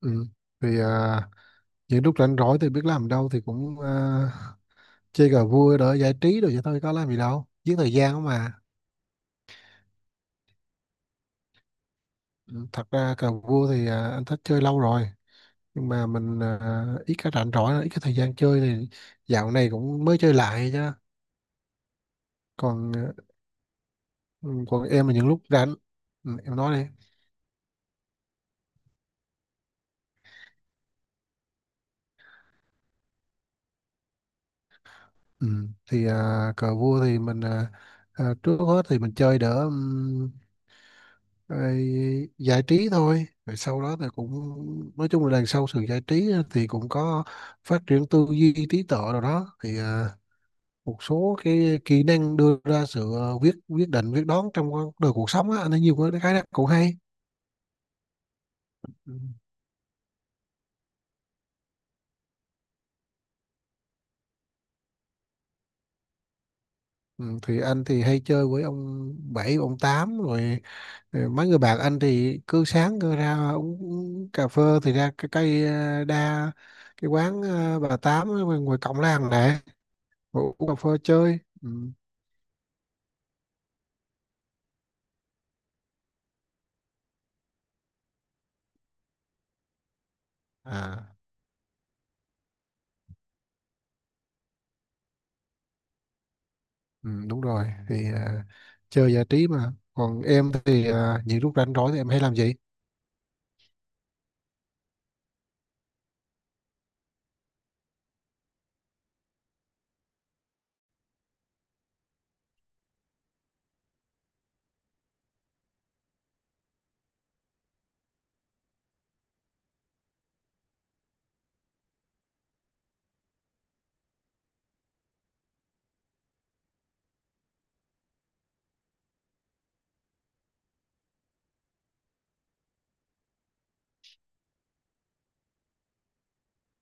Ừ. Vì những lúc rảnh rỗi thì biết làm đâu thì cũng chơi cờ vua đỡ giải trí rồi vậy thôi, có làm gì đâu, giết thời gian không mà. Ừ, thật ra cờ vua thì anh thích chơi lâu rồi, nhưng mà mình ít cái rảnh rỗi, ít cái thời gian chơi, thì dạo này cũng mới chơi lại chứ. Còn còn em là những lúc rảnh. Ừ, em nói đi. Ừ, thì cờ vua thì mình trước hết thì mình chơi đỡ, rồi giải trí thôi, rồi sau đó thì cũng, nói chung là đằng sau sự giải trí á, thì cũng có phát triển tư duy trí tuệ rồi đó, thì một số cái kỹ năng đưa ra sự quyết quyết định quyết đoán trong con đời cuộc sống á, anh thấy nhiều cái khái năng cũng hay. Ừ. Ừ, thì anh thì hay chơi với ông bảy ông tám, rồi rồi mấy người bạn anh thì cứ sáng cứ ra uống cà phê, thì ra cái cây đa, cái quán bà tám ở ngoài ngoài cổng làng này, ngồi uống cà phê chơi. Ừ. À. Ừ, đúng rồi, thì chơi giải trí mà. Còn em thì những lúc rảnh rỗi thì em hay làm gì?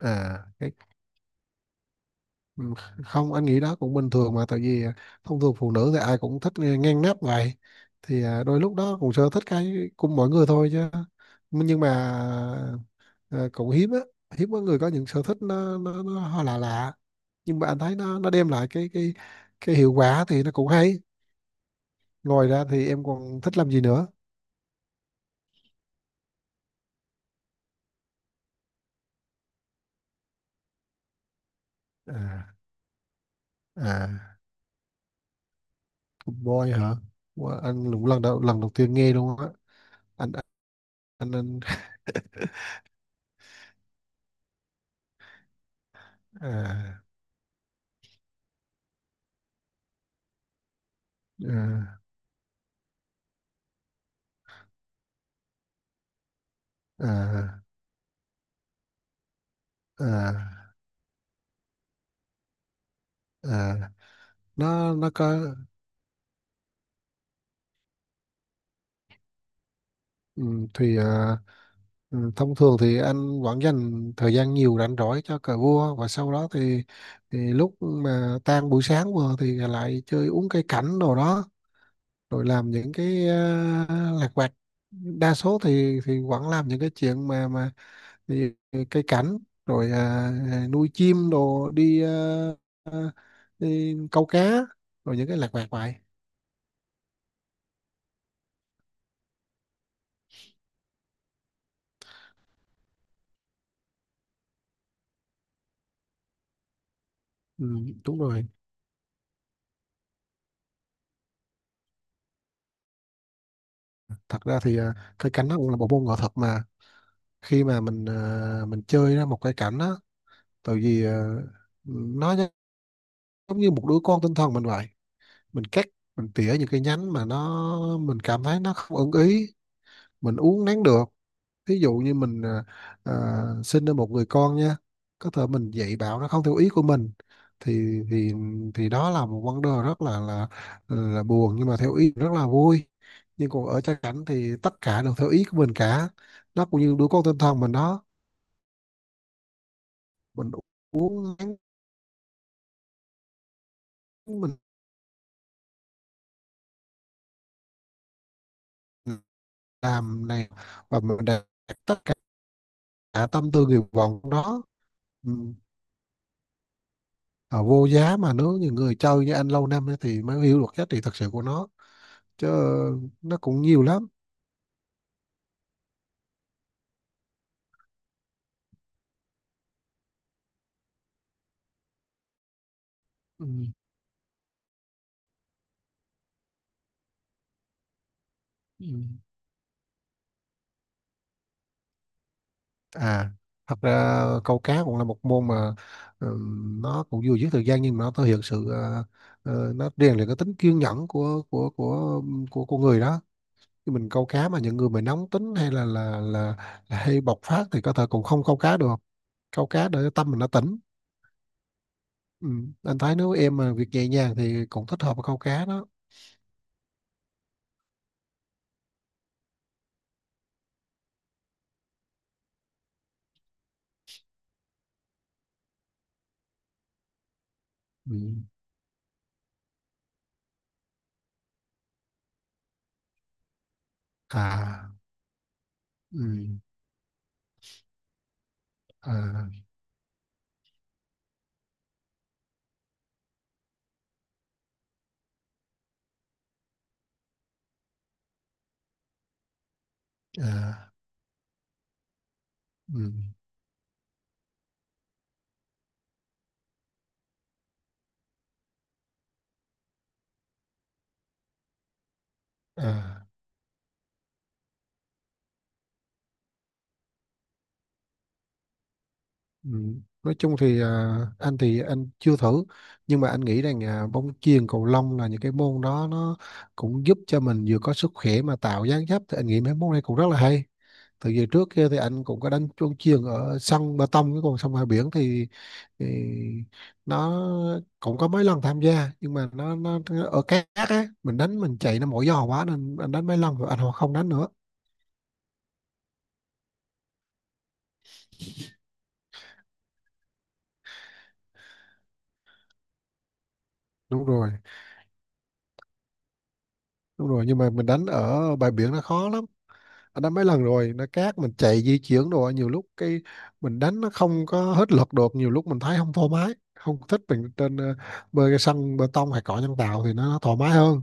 À cái Ừ, không, anh nghĩ đó cũng bình thường mà, tại vì thông thường phụ nữ thì ai cũng thích nghe- ngang nắp vậy, thì đôi lúc đó cũng sở thích cái cùng mọi người thôi chứ. Nhưng mà cũng hiếm á, hiếm có người có những sở thích nó hơi lạ lạ, nhưng mà anh thấy nó đem lại cái cái hiệu quả thì nó cũng hay. Ngoài ra thì em còn thích làm gì nữa? à, à. Food Boy hả? Ủa, anh cũng lần đầu tiên nghe luôn á. Anh, anh. à à à à, à. Nó có. Ừ, thì thông thường thì anh vẫn dành thời gian nhiều rảnh rỗi cho cờ vua, và sau đó thì lúc mà tan buổi sáng vừa thì lại chơi uống cây cảnh đồ đó, rồi làm những cái lặt vặt. Đa số thì vẫn làm những cái chuyện mà thì cây cảnh, rồi nuôi chim đồ đi, à, đi câu cá, rồi những cái lặt vặt vậy. Ừ, đúng rồi, thật ra thì cây cảnh nó cũng là một môn nghệ thuật mà. Khi mà mình mình chơi ra một cây cảnh á, tại vì nó giống như một đứa con tinh thần mình vậy. Mình cắt, mình tỉa những cái nhánh mà nó mình cảm thấy nó không ưng ý, mình uốn nắn được. Thí dụ như mình sinh ra một người con nhé, có thể mình dạy bảo nó không theo ý của mình, thì thì thì đó là một vấn đề rất là là buồn, nhưng mà theo ý rất là vui. Nhưng còn ở cha cảnh thì tất cả đều theo ý của mình cả, nó cũng như đứa con tinh thần mình đó. Mình uống nắng, mình làm này, và mình đạt tất cả tâm tư nguyện vọng của nó. Ừ. Vô giá mà, nếu như người chơi như anh lâu năm ấy thì mới hiểu được giá trị thật sự của nó chứ, nó cũng nhiều lắm. Ừ. Ừ. À, thật ra câu cá cũng là một môn mà nó cũng vừa giết thời gian, nhưng mà nó thể hiện sự nó rèn luyện cái tính kiên nhẫn của của con người đó. Chứ mình câu cá mà những người mà nóng tính hay là hay bộc phát thì có thể cũng không câu cá được, câu cá để tâm mình nó tỉnh. Ừ. Anh thấy nếu em mà việc nhẹ nhàng thì cũng thích hợp với câu cá đó. Ừ. À. Ừ. À. À. Ừ. À. Ừ. Nói chung thì anh thì anh chưa thử, nhưng mà anh nghĩ rằng bóng chuyền cầu lông là những cái môn đó, nó cũng giúp cho mình vừa có sức khỏe mà tạo dáng dấp, thì anh nghĩ mấy môn này cũng rất là hay. Từ giờ trước kia thì anh cũng có đánh bóng chuyền ở sân bê tông, chứ còn sông ngoài biển thì nó cũng có mấy lần tham gia, nhưng mà nó ở cát á, mình đánh mình chạy nó mỏi giò quá, nên anh đánh mấy lần rồi anh không đánh nữa. Đúng rồi, đúng rồi, nhưng mà mình đánh ở bãi biển nó khó lắm, anh đánh mấy lần rồi, nó cát mình chạy di chuyển đồ, nhiều lúc cái mình đánh nó không có hết lực được, nhiều lúc mình thấy không thoải mái, không thích. Mình trên bơi cái sân bê tông hay cỏ nhân tạo thì nó thoải mái hơn.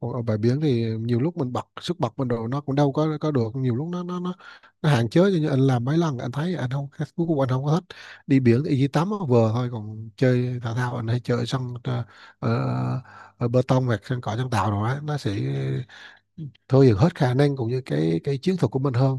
Còn ở bãi biển thì nhiều lúc mình bật sức bật mình đồ, nó cũng đâu có được, nhiều lúc nó hạn chế, cho nên anh làm mấy lần anh thấy anh không, cuối cùng anh không có thích. Đi biển thì chỉ tắm nó vừa thôi, còn chơi thể thao anh hay chơi sân ở, ở bê tông hoặc sân cỏ nhân tạo rồi á, nó sẽ thôi dần hết khả năng cũng như cái chiến thuật của mình hơn.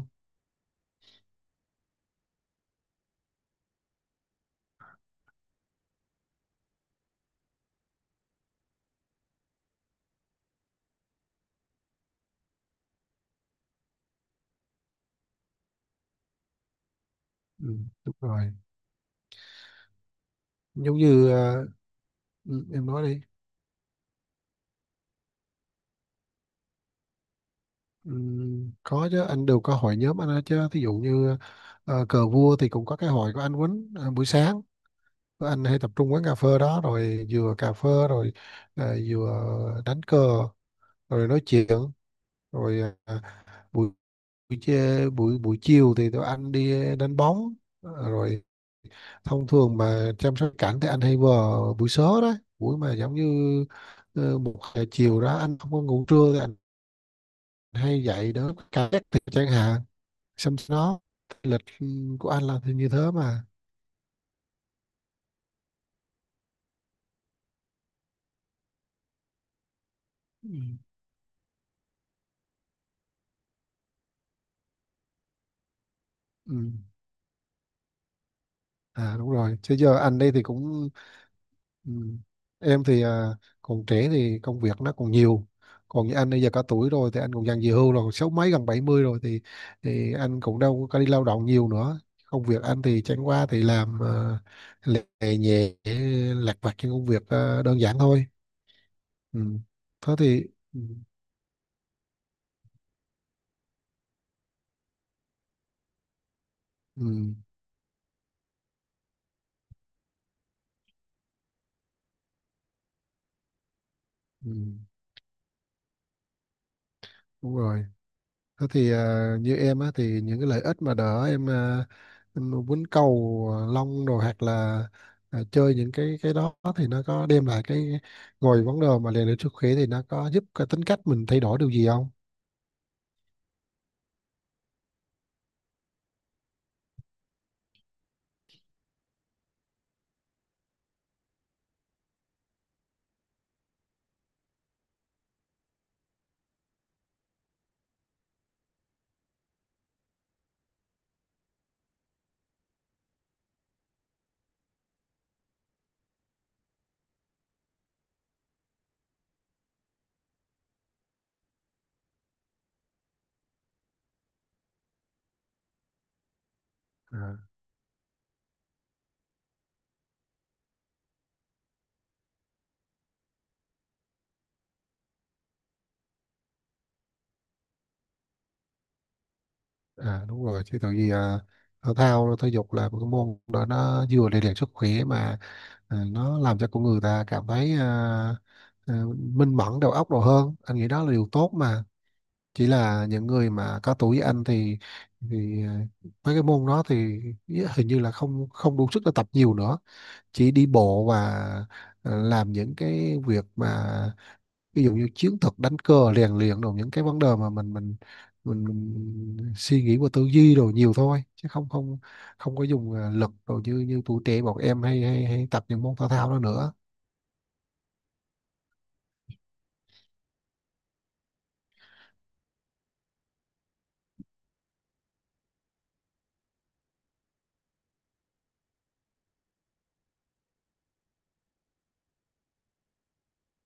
Ừ, đúng rồi, giống như ừ, em nói đi. Ừ, có chứ, anh đều có hội nhóm anh hết chứ. Thí dụ như cờ vua thì cũng có cái hội của anh Quýnh, buổi sáng tụi anh hay tập trung quán cà phê đó, rồi vừa cà phê, rồi vừa đánh cờ, rồi nói chuyện, rồi ờ, buổi buổi chê- buổi buổi chiều thì tụi anh đi đánh bóng, rồi thông thường mà chăm sóc cảnh thì anh hay vào buổi sớm đó, buổi mà giống như 1 giờ chiều đó, anh không có ngủ trưa thì anh hay dậy đỡ cả thì chẳng hạn. Xong nó lịch của anh là thì như thế mà. Ừ. Ừ. À, đúng rồi chứ, giờ anh đây thì cũng. Ừ. Em thì còn trẻ thì công việc nó còn nhiều, còn như anh bây giờ cả tuổi rồi thì anh cũng dần về hưu rồi, còn sáu mấy gần 70 rồi thì anh cũng đâu có đi lao động nhiều nữa. Công việc anh thì chẳng qua thì làm lề nhẹ, lặt vặt những công việc đơn giản thôi. Ừ. Thế thì. Ừ. Ừ. Ừ. Đúng rồi. Thế thì như em á thì những cái lợi ích mà đỡ em, em quýnh cầu lông rồi, hoặc là chơi những cái đó thì nó có đem lại cái ngồi vấn đề mà rèn luyện sức khỏe, thì nó có giúp cái tính cách mình thay đổi điều gì không? À. À, đúng rồi chứ, tại vì thể thao thể dục là một cái môn đó, nó vừa rèn luyện sức khỏe mà nó làm cho con người ta cảm thấy minh mẫn đầu óc đồ hơn, anh nghĩ đó là điều tốt mà. Chỉ là những người mà có tuổi anh thì thì ờ, mấy cái môn đó thì ý- hình như là không không đủ sức để tập nhiều nữa, chỉ đi bộ và làm những cái việc mà ví dụ như chiến thuật đánh cờ rèn luyện, rồi những cái vấn đề mà mình suy nghĩ và tư duy rồi nhiều thôi, chứ không không không có dùng lực rồi như như tuổi trẻ bọn em hay hay, hay tập những môn thể thao đó nữa.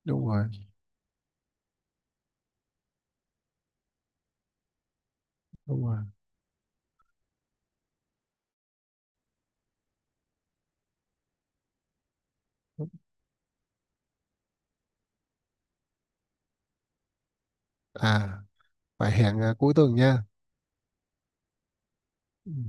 Đúng rồi, đúng rồi. À, phải hẹn cuối tuần nha. Ừ.